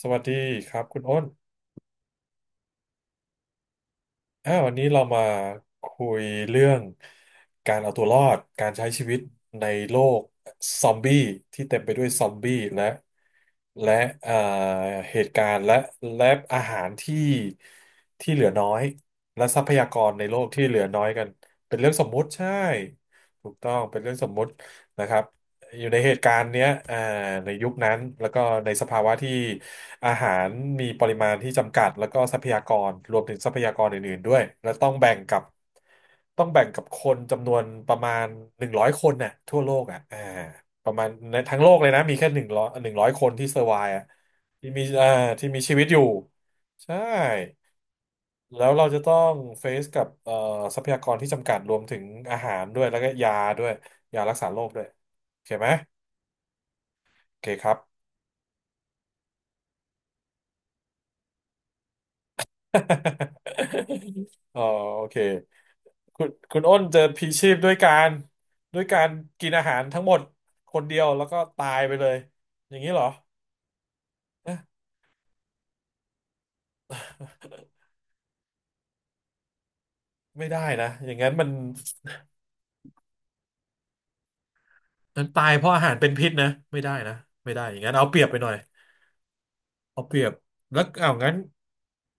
สวัสดีครับคุณอ้นวันนี้เรามาคุยเรื่องการเอาตัวรอดการใช้ชีวิตในโลกซอมบี้ที่เต็มไปด้วยซอมบี้และเอ่อเหตุการณ์และอาหารที่เหลือน้อยและทรัพยากรในโลกที่เหลือน้อยกันเป็นเรื่องสมมุติใช่ถูกต้องเป็นเรื่องสมมุตินะครับอยู่ในเหตุการณ์เนี้ยในยุคนั้นแล้วก็ในสภาวะที่ อาหารมีปริมาณที่จำกัดแล้วก็ทรัพยากรรวมถึงทรัพยากรอื่นๆด้วยแล้วต้องแบ่งกับคนจำนวนประมาณหนึ่งร้อยคนน่ะทั่วโลกอ่ะอ่าประมาณในทั้งโลกเลยนะมีแค่หนึ่งร้อยคนที่เซอร์ไวอ่ะที่มีอ่าที่มีชีวิตอยู่ใช่แล้วเราจะต้องเฟซกับทรัพยากรที่จำกัดรวมถึงอาหารด้วยแล้วก็ยาด้วยยารักษาโรคด้วยโอเคไหมโอเคครับ อ๋อโอเค คุณอ้นเจอพีชีพด้วยการด้วยการกินอาหารทั้งหมดคนเดียวแล้วก็ตายไปเลยอย่างนี้เหรอเอ๊ะ ไม่ได้นะอย่างนั้นมันตายเพราะอาหารเป็นพิษนะไม่ได้นะไม่ได้อย่างนั้นเอาเปรียบไปหน่อยเอาเปรียบแล้วเอางั้น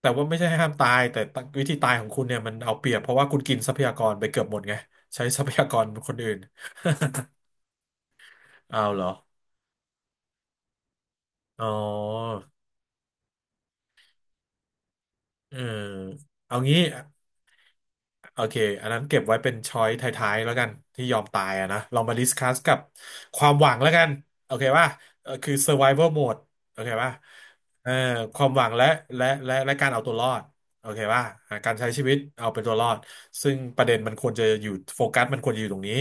แต่ว่าไม่ใช่ห้ามตายแต่วิธีตายของคุณเนี่ยมันเอาเปรียบเพราะว่าคุณกินทรัพยากรไปเกือบหมดไงใช้ทรัพยากรคนอื่น เอาเหรออ๋อเออเอางี้ โอเคอันนั้นเก็บไว้เป็นช้อยท้ายๆแล้วกันที่ยอมตายอะนะเรามาดิสคัสกับความหวังแล้วกันโอเคป่ะเออคือ survival mode โอเคป่ะเออความหวังและการเอาตัวรอดโอเคป่ะอ่าการใช้ชีวิตเอาเป็นตัวรอดซึ่งประเด็นมันควรจะอยู่โฟกัสมันควรจะอยู่ตรงนี้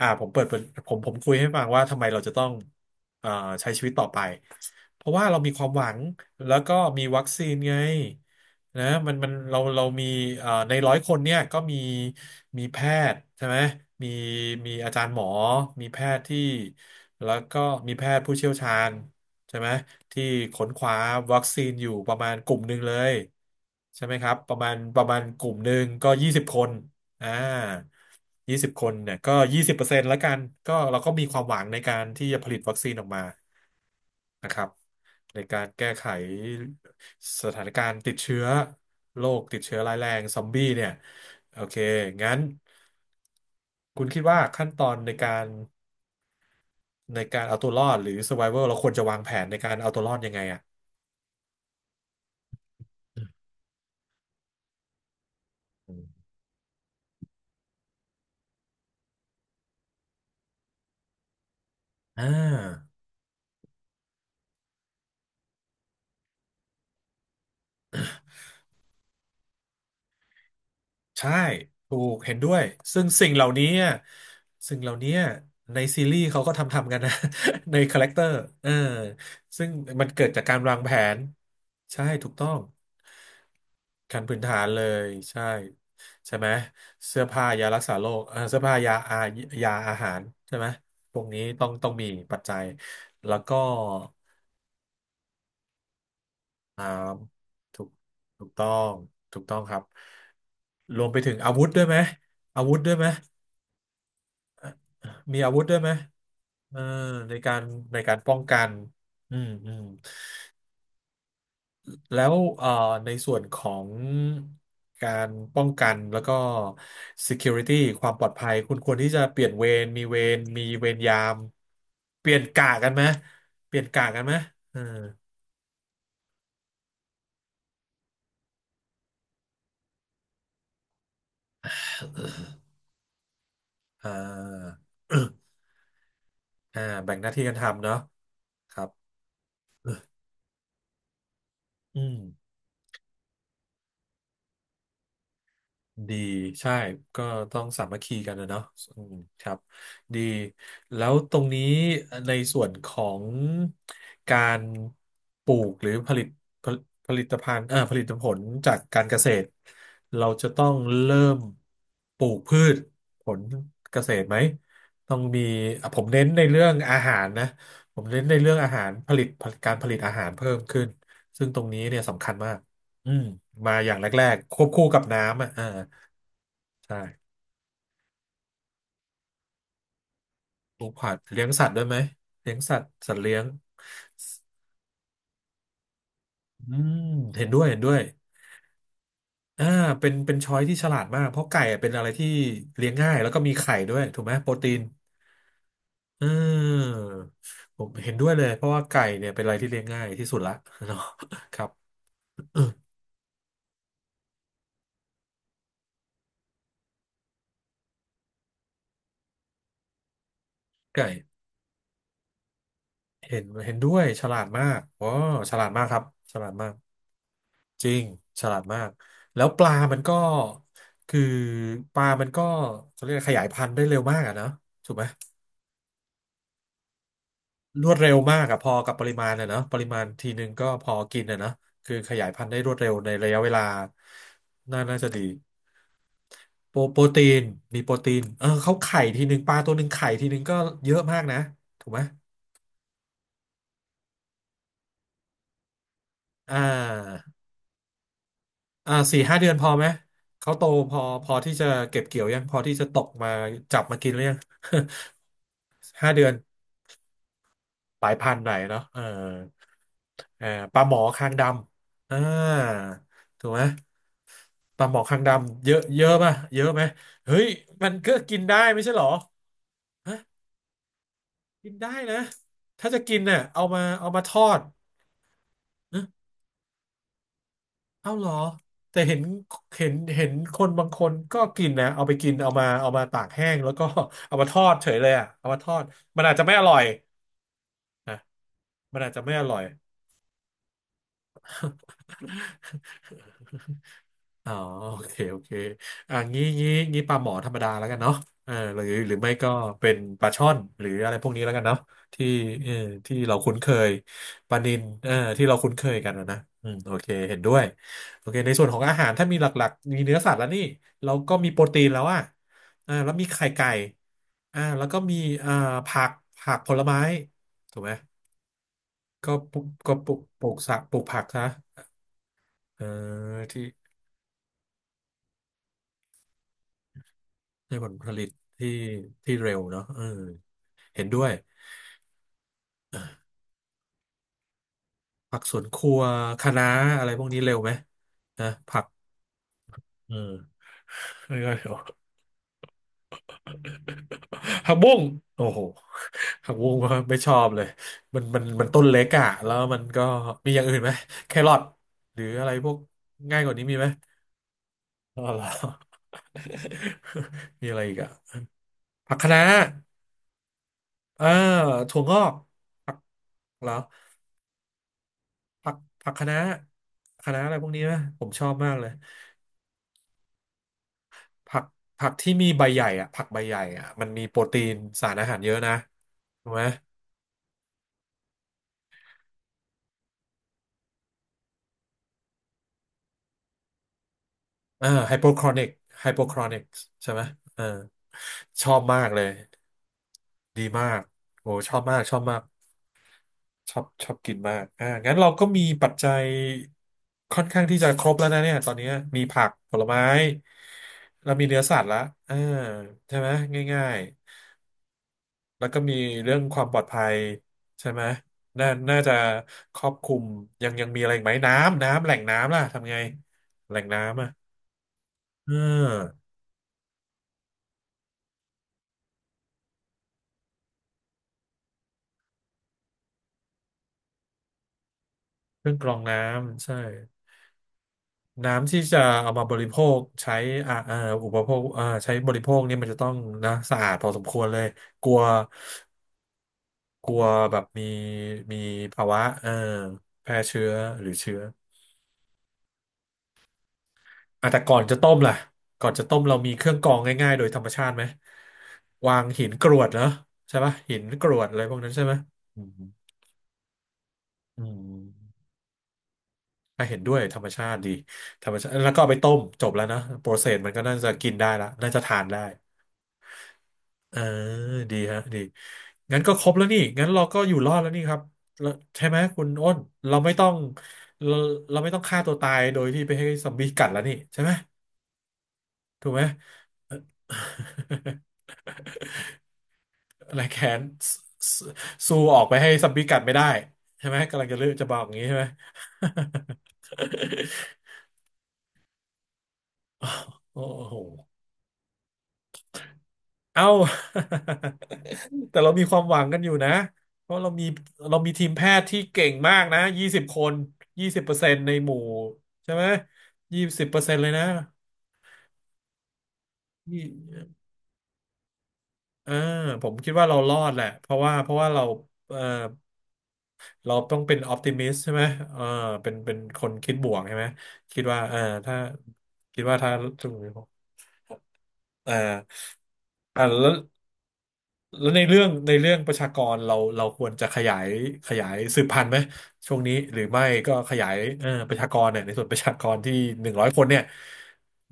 อ่าผมเปิดเป็นผมคุยให้ฟังว่าทำไมเราจะต้องเอ่อใช้ชีวิตต่อไป เพราะว่าเรามีความหวังแล้วก็มีวัคซีนไงนะมันเรามีในร้อยคนเนี่ยก็มีแพทย์ใช่ไหมมีมีอาจารย์หมอมีแพทย์ที่แล้วก็มีแพทย์ผู้เชี่ยวชาญใช่ไหมที่ค้นคว้าวัคซีนอยู่ประมาณกลุ่มหนึ่งเลยใช่ไหมครับประมาณกลุ่มหนึ่งก็ยี่สิบคนอ่ายี่สิบคนเนี่ยก็20%ละกันก็เราก็มีความหวังในการที่จะผลิตวัคซีนออกมา นะครับในการแก้ไขสถานการณ์ติดเชื้อโรคติดเชื้อร้ายแรงซอมบี้เนี่ยโอเคงั้นคุณคิดว่าขั้นตอนในการเอาตัวรอดหรือ survival เราควรจะวางแผนในการเอาตัวรอดยังไงอ่ะอ่า ใช่ถูกเห็นด้วยซึ่งสิ่งเหล่านี้อะสิ่งเหล่านี้อะในซีรีส์เขาก็ทำกันนะ ในคาแรคเตอร์เออซึ่งมันเกิดจากการวางแผนใช่ถูกต้องขั้นพื้นฐานเลยใช่ใช่ไหมเสื้อผ้ายารักษาโรคเสื้อผ้ายายาอาหารใช่ไหมพวกนี้ต้องมีปัจจัยแล้วก็อ่าถูกถูกต้องถูกต้องครับรวมไปถึงอาวุธด้วยไหมอาวุธด้วยไหม มีอาวุธด้วยไหมเออในการในการป้องกันอืมอืมแล้วในส่วนของการป้องกัน แล้วก็ security ความปลอดภัย คุณควรที่จะเปลี่ยนเวรยาม เปลี่ยนกะกันไหมเปลี่ยนกะกันไหมเอออ่า อ่าแบ่งหน้าที่กันทำเนาะครับอืม ดีใช่ก็ต้องสามัคคีกันนะเนาะอืมครับดีแล้วตรงนี้ในส่วนของการปลูกหรือผลิตผลิตภัณฑ์ผลิตผลจากการเกษตรเราจะต้องเริ่มปลูกพืชผลเกษตรไหมต้องมีอ่ะผมเน้นในเรื่องอาหารนะผมเน้นในเรื่องอาหารผลิตการผลิตอาหารเพิ่มขึ้นซึ่งตรงนี้เนี่ยสำคัญมากอืมมาอย่างแรกๆควบคู่กับน้ำอ่ะเออ ใช่ปลูกผักเลี้ยงสัตว์ด้วยไหมเลี้ยงสัตว์สัตว์เลี้ยงอืมเห็นด้วยเห็นด้วยอ่าเป็นช้อยที่ฉลาดมากเพราะไก่อะเป็นอะไรที่เลี้ยงง่ายแล้วก็มีไข่ด้วยถูกไหมโปรตีนเอืมผมเห็นด้วยเลยเพราะว่าไก่เนี่ยเป็นอะไรที่เลี้ยงง่ายที่สุดละ เนาะครับเอมไก่เห็นด้วยฉลาดมากว้าฉลาดมากครับฉลาดมากจริงฉลาดมากแล้วปลามันก็คือปลามันก็เขาเรียกขยายพันธุ์ได้เร็วมากอะเนอะถูกไหม รวดเร็วมากอะพอกับปริมาณอะเนอะปริมาณทีนึงก็พอกินอะเนอะคือขยายพันธุ์ได้รวดเร็วในระยะเวลาน่าจะดีโปรตีนมีโปรตีนเออเขาไข่ทีนึงปลาตัวหนึ่งไข่ทีนึงก็เยอะมากนะถูกไหมอ่า4-5 เดือนพอไหมเขาโตพอพอที่จะเก็บเกี่ยวยังพอที่จะตกมาจับมากินหรือยัง ห้าเดือนหลายพันหน่อยเนาะเออเออปลาหมอคางดำถูกไหม ปลาหมอคางดำเยอะเยอะป่ะเยอะไหมเฮ้ยมันก็กินได้ไม่ใช่เหรอฮะกินได้นะถ้าจะกินเนี่ยเอามาทอดเอะเอาเหรอแต่เห็นเห็นคนบางคนก็กินนะเอาไปกินเอามาตากแห้งแล้วก็ เอามาทอดเฉยเลยอ่ะเอามาทอดมันอาจจะไม่อร่อยนะมันอาจจะไม่อร่อย อ๋อโอเคโอเคอ่ะงี้ปลาหมอธรรมดาแล้วกันเนาะเออหรือไม่ก็เป็นปลาช่อนหรืออะไรพวกนี้แล้วกันเนาะที่เออที่เราคุ้นเคยปลานิลเออที่เราคุ้นเคยกันนะนะอืมโอเคเห็นด้วยโอเคในส่วนของอาหารถ้ามีหลักๆมีเนื้อสัตว์แล้วนี่เราก็มีโปรตีนแล้วอ่ะอ่าแล้วมีไข่ไก่อ่าแล้วก็มีอ่าผักผักผลไม้ถูกไหมก็ปลูกผักนะเออที่ ได้ผลผลิตที่ที่เร็วเนาะเออเห็นด้วยผักสวนครัวคะน้าอะไรพวกนี้เร็วไหมนะผักเออ เออโอ้ผักบุ้งโอ้โหผักบุ้งไม่ชอบเลย มันต้นเล็กอะแล้วมันก็มีอย่างอื่นไหมแครอทหรืออะไรพวกง่ายกว่านี้มีไหมอ๋อเหรอ มีอะไรอีกอะผักคะน้าเออถั่วงอกผักเหรอ ผักผักคะน้าอะไรพวกนี้นะผมชอบมากเลยผักผักที่มีใบใหญ่อะผักใบใหญ่อะมันมีโปรตีนสารอาหารเยอะนะถูกไหมเออไฮโปครอนิกไฮโปครอนิกใช่ไหมเออชอบมากเลยดีมากโอ้ชอบมากชอบมากชอบชอบกินมากอ่างั้นเราก็มีปัจจัยค่อนข้างที่จะครบแล้วนะเนี่ยตอนนี้มีผักผลไม้เรามีเนื้อสัตว์ละอ่าใช่ไหมง่าย แล้วก็มีเรื่องความปลอดภัยใช่ไหมน่าน่าจะครอบคลุมยังมีอะไรอีกไหมน้ำแหล่งน้ำล่ะทำไงแหล่งน้ำอ่ะเออเครื่องกรองน้ำใช่น้ำที่จะเอามาบริโภคใช้อ่าเอ่ออุปโภคอ่าใช้บริโภคเนี่ยมันจะต้องนะสะอาดพอสมควรเลยกลัวกลัวแบบมีภาวะแพร่เชื้อหรือเชื้อ อ่ะแต่ก่อนจะต้มล่ะก่อนจะต้มเรามีเครื่องกรองง่ายๆโดยธรรมชาติไหมวางหินกรวดเหรอใช่ปะหินกรวดอะไรพวกนั้นใช่ไหมอืมอืมอ่ะเห็นด้วยธรรมชาติดีธรรมชาติแล้วก็เอาไปต้มจบแล้วนะโปรเซสมันก็น่าจะกินได้ละน่าจะทานได้เออดีฮะดีงั้นก็ครบแล้วนี่งั้นเราก็อยู่รอดแล้วนี่ครับแล้วใช่ไหมคุณอ้นเราไม่ต้องเราเราไม่ต้องฆ่าตัวตายโดยที่ไปให้ซอมบี้กัดแล้วนี่ใช่ไหมถูกไหม อะไรแค้นสสู้ออกไปให้ซัมบี้กัดไม่ได้ใช่ไหมกำลังจะเลือกจะบอกอย่างนี้ใช่ไหม โอ้โหเอ้า แต่เรามีความหวังกันอยู่นะเพราะเรามีเรามีทีมแพทย์ที่เก่งมากนะ20 คนยี่สิบเปอร์เซ็นต์ในหมู่ใช่ไหมยี่สิบเปอร์เซ็นต์เลยนะยี่อ่าผมคิดว่าเรารอดแหละเพราะว่าเราเอ่อ เราต้องเป็นออ t ติมิสใช่ไหมเออเป็นคนคิดบวกใช่ไหมคิดว่าเออถ้าคิดว่าถ้าถึงเอออ่าแล้วแล้วในเรื่องประชากรเราควรจะขยายขยายสืบพันธุ์ไหม ช่วงนี้หรือไม่ก็ขยายเออประชากรเนี่ยในส่วนประชากรที่หนึ่งร้อยคนเนี่ย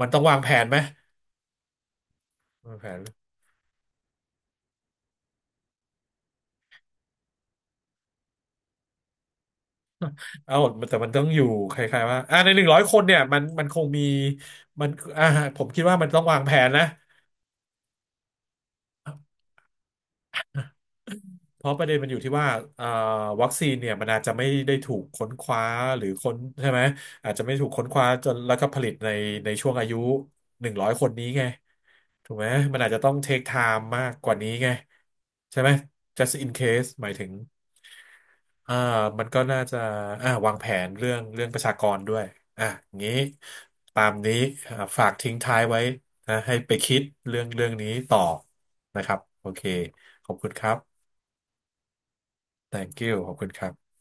มันต้องวางแผนไหมวางแผนเอ้าแต่มันต้องอยู่คล้ายๆว่าอ่าในหนึ่งร้อยคนเนี่ยมันคงมีมันอ่าผมคิดว่ามันต้องวางแผนนะ เพราะประเด็นมันอยู่ที่ว่าเอ่อวัคซีนเนี่ยมันอาจจะไม่ได้ถูกค้นคว้าหรือค้นใช่ไหมอาจจะไม่ถูกค้นคว้าจนแล้วก็ผลิตในในช่วงอายุหนึ่งร้อยคนนี้ไงถูกไหมมันอาจจะต้องเทคไทม์มากกว่านี้ไงใช่ไหม just in case หมายถึงอ่ามันก็น่าจะอ่าวางแผนเรื่องประชากรด้วยอ่ะงี้ตามนี้อ่าฝากทิ้งท้ายไว้นะให้ไปคิดเรื่องเรื่องนี้ต่อนะครับโอเคขอบคุณครับ thank you ขอบคุณครับ